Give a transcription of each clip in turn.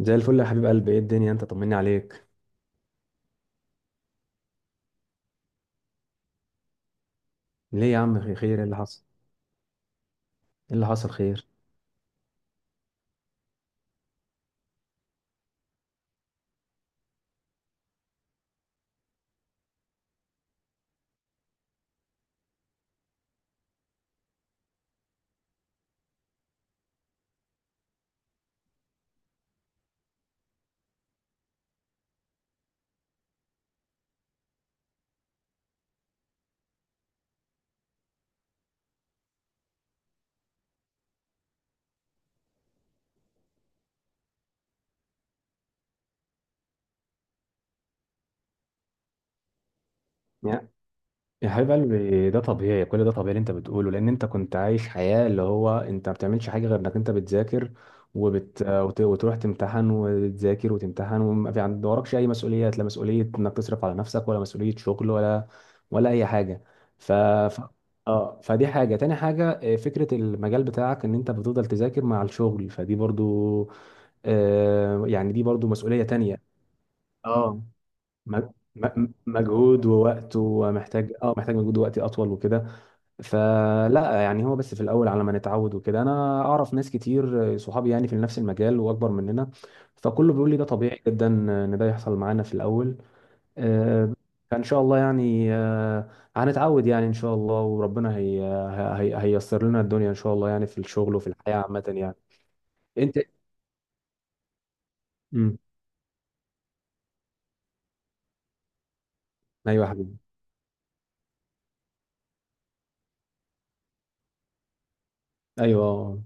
زي الفل يا حبيب قلبي، ايه الدنيا؟ انت طمني عليك. ليه يا عم، في خير؟ ايه اللي حصل؟ ايه اللي حصل، خير؟ يا حبيب قلبي، ده طبيعي. كل ده طبيعي اللي انت بتقوله، لان انت كنت عايش حياة اللي هو انت ما بتعملش حاجة غير انك انت بتذاكر وتروح تمتحن وتذاكر وتمتحن، وما في عند وراكش اي مسؤوليات. لا مسؤولية انك تصرف على نفسك، ولا مسؤولية شغل، ولا اي حاجة. ف... ف... اه فدي حاجة. تاني حاجة، فكرة المجال بتاعك ان انت بتفضل تذاكر مع الشغل، فدي برضو يعني، دي برضو مسؤولية تانية. اه م- مجهود ووقت، ومحتاج، محتاج مجهود ووقت اطول وكده. فلا يعني، هو بس في الاول على ما نتعود وكده. انا اعرف ناس كتير، صحابي يعني، في نفس المجال واكبر مننا، فكله بيقول لي ده طبيعي جدا ان ده يحصل معانا في الاول. آه، فان شاء الله يعني، هنتعود يعني ان شاء الله، وربنا هي هي هييسر لنا الدنيا ان شاء الله، يعني في الشغل وفي الحياة عامة يعني. انت. امم ايوه يا حبيبي. ايوه، آه، آه.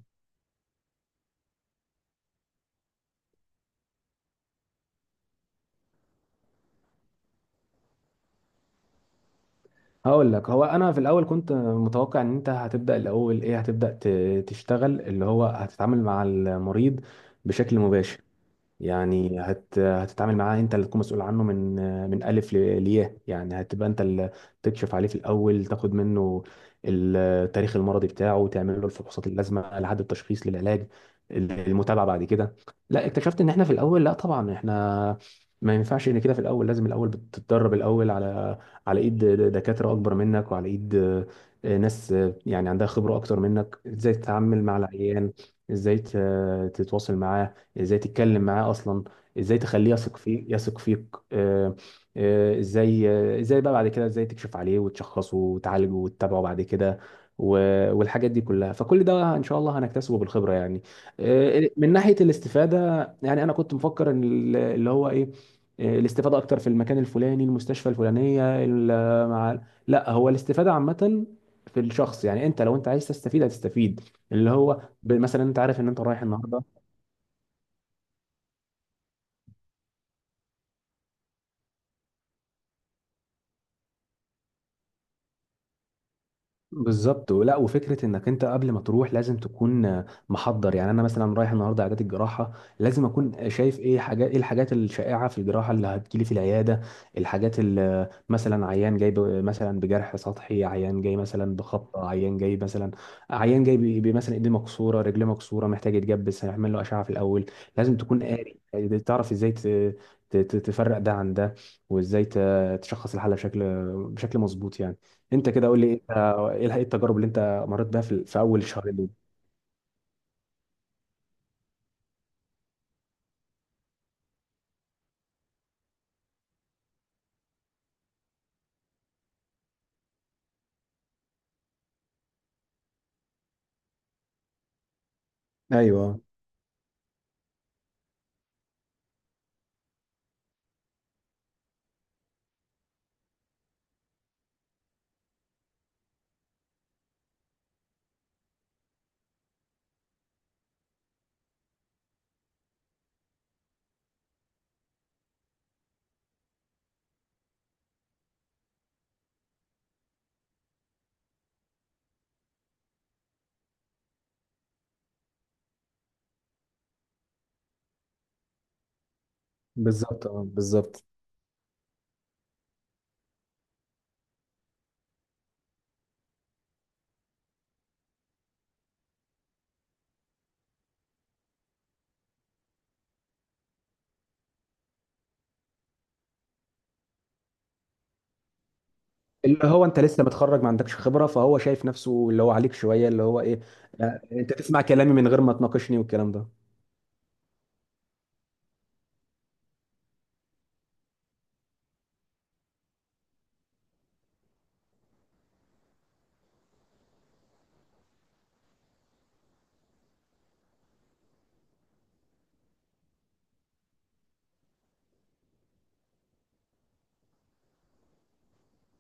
هقول لك، هو انا في الاول كنت متوقع ان انت هتبدا الاول ايه، هتبدا تشتغل، اللي هو هتتعامل مع المريض بشكل مباشر. يعني هتتعامل معاه، انت اللي تكون مسؤول عنه من الف لياء. يعني هتبقى انت اللي تكشف عليه في الاول، تاخد منه التاريخ المرضي بتاعه، تعمل له الفحوصات اللازمه لحد التشخيص، للعلاج، المتابعه بعد كده. لا، اكتشفت ان احنا في الاول، لا طبعا احنا ما ينفعش ان كده في الاول. لازم الاول بتتدرب الاول على ايد دكاتره اكبر منك، وعلى ايد ناس يعني عندها خبره اكتر منك، ازاي تتعامل مع العيان، ازاي تتواصل معاه، ازاي تتكلم معاه اصلا، ازاي تخليه يثق فيك ازاي بقى بعد كده ازاي تكشف عليه وتشخصه وتعالجه وتتابعه بعد كده والحاجات دي كلها. فكل ده ان شاء الله هنكتسبه بالخبرة يعني. من ناحية الاستفادة، يعني انا كنت مفكر ان اللي هو ايه، الاستفادة اكتر في المكان الفلاني، المستشفى الفلانية، ال- مع لا، هو الاستفادة عامة في الشخص. يعني انت لو انت عايز تستفيد هتستفيد، اللي هو مثلا انت عارف ان انت رايح النهارده. بالظبط. ولا وفكره انك انت قبل ما تروح لازم تكون محضر. يعني انا مثلا رايح النهارده عياده الجراحه، لازم اكون شايف ايه حاجات، ايه الحاجات الشائعه في الجراحه اللي هتجيلي في العياده. الحاجات اللي مثلا عيان جاي مثلا بجرح سطحي، عيان جاي مثلا بخبطه، عيان جاي مثلا، عيان جاي مثلا ايديه مكسوره، رجليه مكسوره، محتاج يتجبس، هيعمل له اشعه في الاول. لازم تكون قاري يعني، تعرف ازاي تفرق ده عن ده، وازاي تشخص الحاله بشكل، بشكل مظبوط يعني. انت كده قول لي، انت إيه التجارب اللي انت مريت بيها في اول شهرين دول؟ ايوه، بالظبط. اه، بالظبط. اللي هو انت لسه متخرج، ما عندكش خبره، فهو شايف نفسه اللي هو عليك شويه، اللي هو ايه. لا، انت تسمع كلامي من غير ما تناقشني والكلام ده.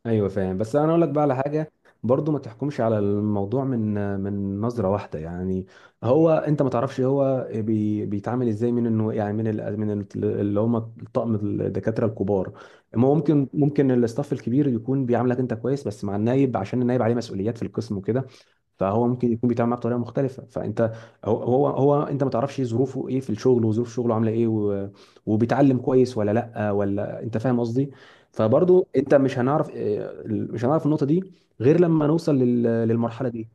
ايوه فاهم، بس انا اقول لك بقى على حاجه. برضو ما تحكمش على الموضوع من نظره واحده يعني. هو انت ما تعرفش هو بيتعامل ازاي، من انه يعني، من اللي هم طقم الدكاتره الكبار. ما ممكن الاستاف الكبير يكون بيعاملك انت كويس، بس مع النايب، عشان النايب عليه مسؤوليات في القسم وكده، فهو ممكن يكون بيتعامل معاه بطريقه مختلفه. فانت، هو هو هو انت ما تعرفش ظروفه ايه في الشغل، وظروف شغله عامله ايه، وبيتعلم كويس ولا لا، ولا انت فاهم قصدي. فبرضو انت مش هنعرف، مش هنعرف النقطه دي غير لما نوصل للمرحله دي.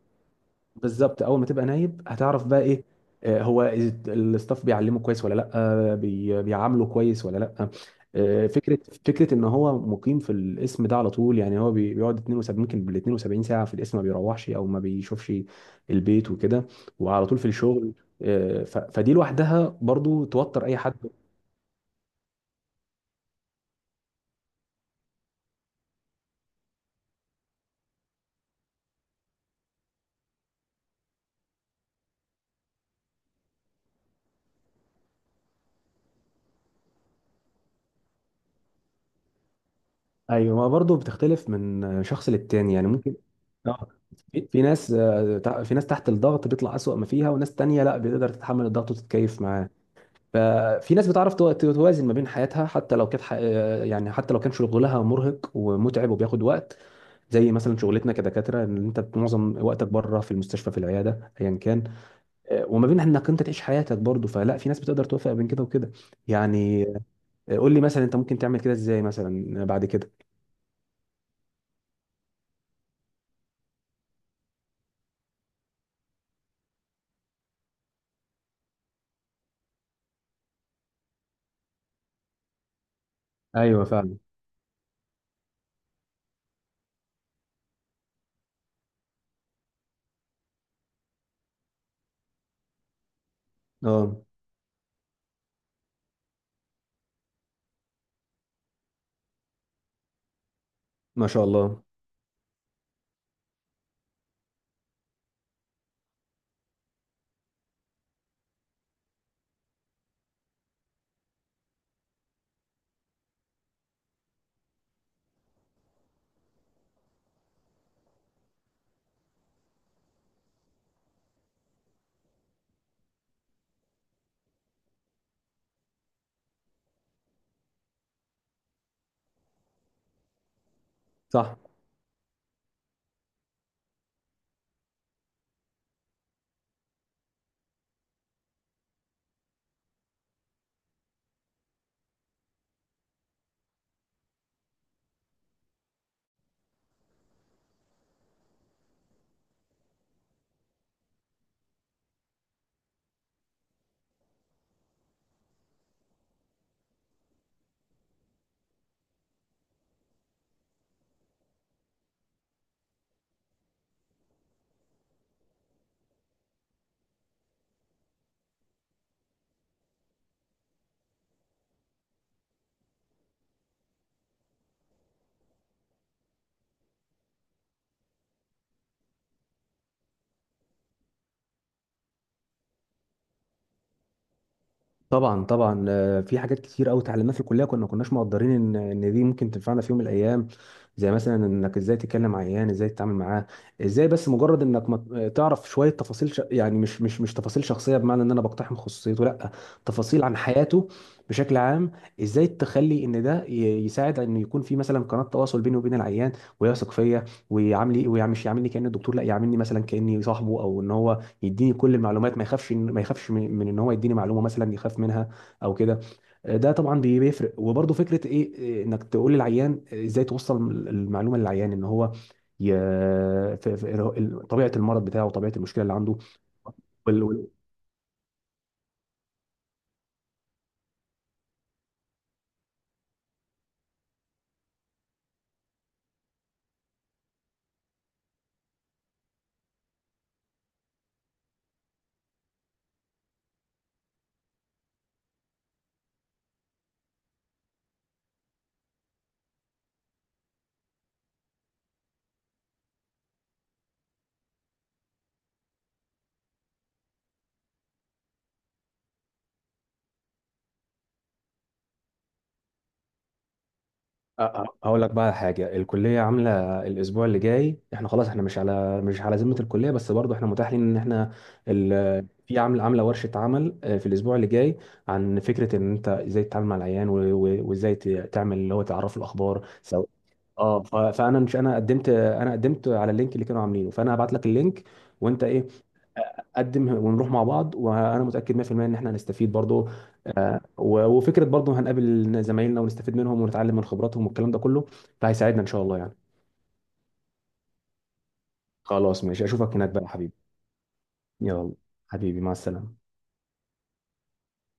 بالظبط. اول ما تبقى نايب هتعرف بقى ايه، اه، هو الستاف بيعلمه كويس ولا لا، بيعامله كويس ولا لا. اه، فكره فكره ان هو مقيم في الاسم ده على طول، يعني هو بيقعد 72، ممكن بال 72 ساعه في الاسم ما بيروحش او ما بيشوفش البيت وكده، وعلى طول في الشغل. فدي لوحدها برضو توتر اي حد. ايوه، ما برضه بتختلف من شخص للتاني يعني، ممكن. اه في ناس، في ناس تحت الضغط بيطلع أسوأ ما فيها، وناس تانية لا، بتقدر تتحمل الضغط وتتكيف معاه. ففي ناس بتعرف توازن ما بين حياتها، حتى لو كانت يعني حتى لو كان شغلها مرهق ومتعب وبياخد وقت، زي مثلا شغلتنا كدكاترة ان انت معظم وقتك بره في المستشفى، في العيادة، ايا كان، وما بين انك انت تعيش حياتك برضه. فلا، في ناس بتقدر توفق بين كده وكده يعني. قول لي مثلا، انت ممكن تعمل كده ازاي مثلا بعد كده؟ ايوه فعلا. اه، ما شاء الله. صح. طبعا، طبعا. في حاجات كتير قوي اتعلمناها في الكليه، كنا ما كناش مقدرين ان دي ممكن تنفعنا في يوم من الايام. زي مثلا انك ازاي تتكلم مع عيان، ازاي تتعامل معاه، ازاي، بس مجرد انك ما تعرف شويه تفاصيل، يعني مش تفاصيل شخصيه، بمعنى ان انا بقتحم خصوصيته، لا، تفاصيل عن حياته بشكل عام. ازاي تخلي ان ده يساعد ان يكون في مثلا قناه تواصل بيني وبين العيان، ويثق فيا، ويعاملي ويعمل، مش يعاملني كاني الدكتور، لا، يعاملني مثلا كاني صاحبه، او ان هو يديني كل المعلومات، ما يخافش من ان هو يديني معلومه مثلا يخاف منها او كده. ده طبعا بيفرق. وبرضه فكره ايه إيه، انك تقول للعيان ازاي توصل المعلومه للعيان ان هو ي... في طبيعه المرض بتاعه وطبيعه المشكله اللي عنده. هقول لك بقى حاجه. الكليه عامله الاسبوع اللي جاي، احنا خلاص، احنا مش على، مش على ذمه الكليه، بس برضو احنا متاح لنا ان احنا ال... في، عامله ورشه عمل في الاسبوع اللي جاي عن فكره ان انت ازاي تتعامل مع العيان، وازاي تعمل، اللي هو تعرف الاخبار سواء. فانا مش، انا قدمت على اللينك اللي كانوا عاملينه. فانا هبعت لك اللينك، وانت ايه؟ قدم ونروح مع بعض. وانا متاكد 100% ان احنا هنستفيد برضو، وفكره برضو هنقابل زمايلنا ونستفيد منهم ونتعلم من خبراتهم والكلام ده كله، فهيساعدنا ان شاء الله يعني. خلاص ماشي، اشوفك هناك بقى يا حبيبي. يلا حبيبي، مع السلامه.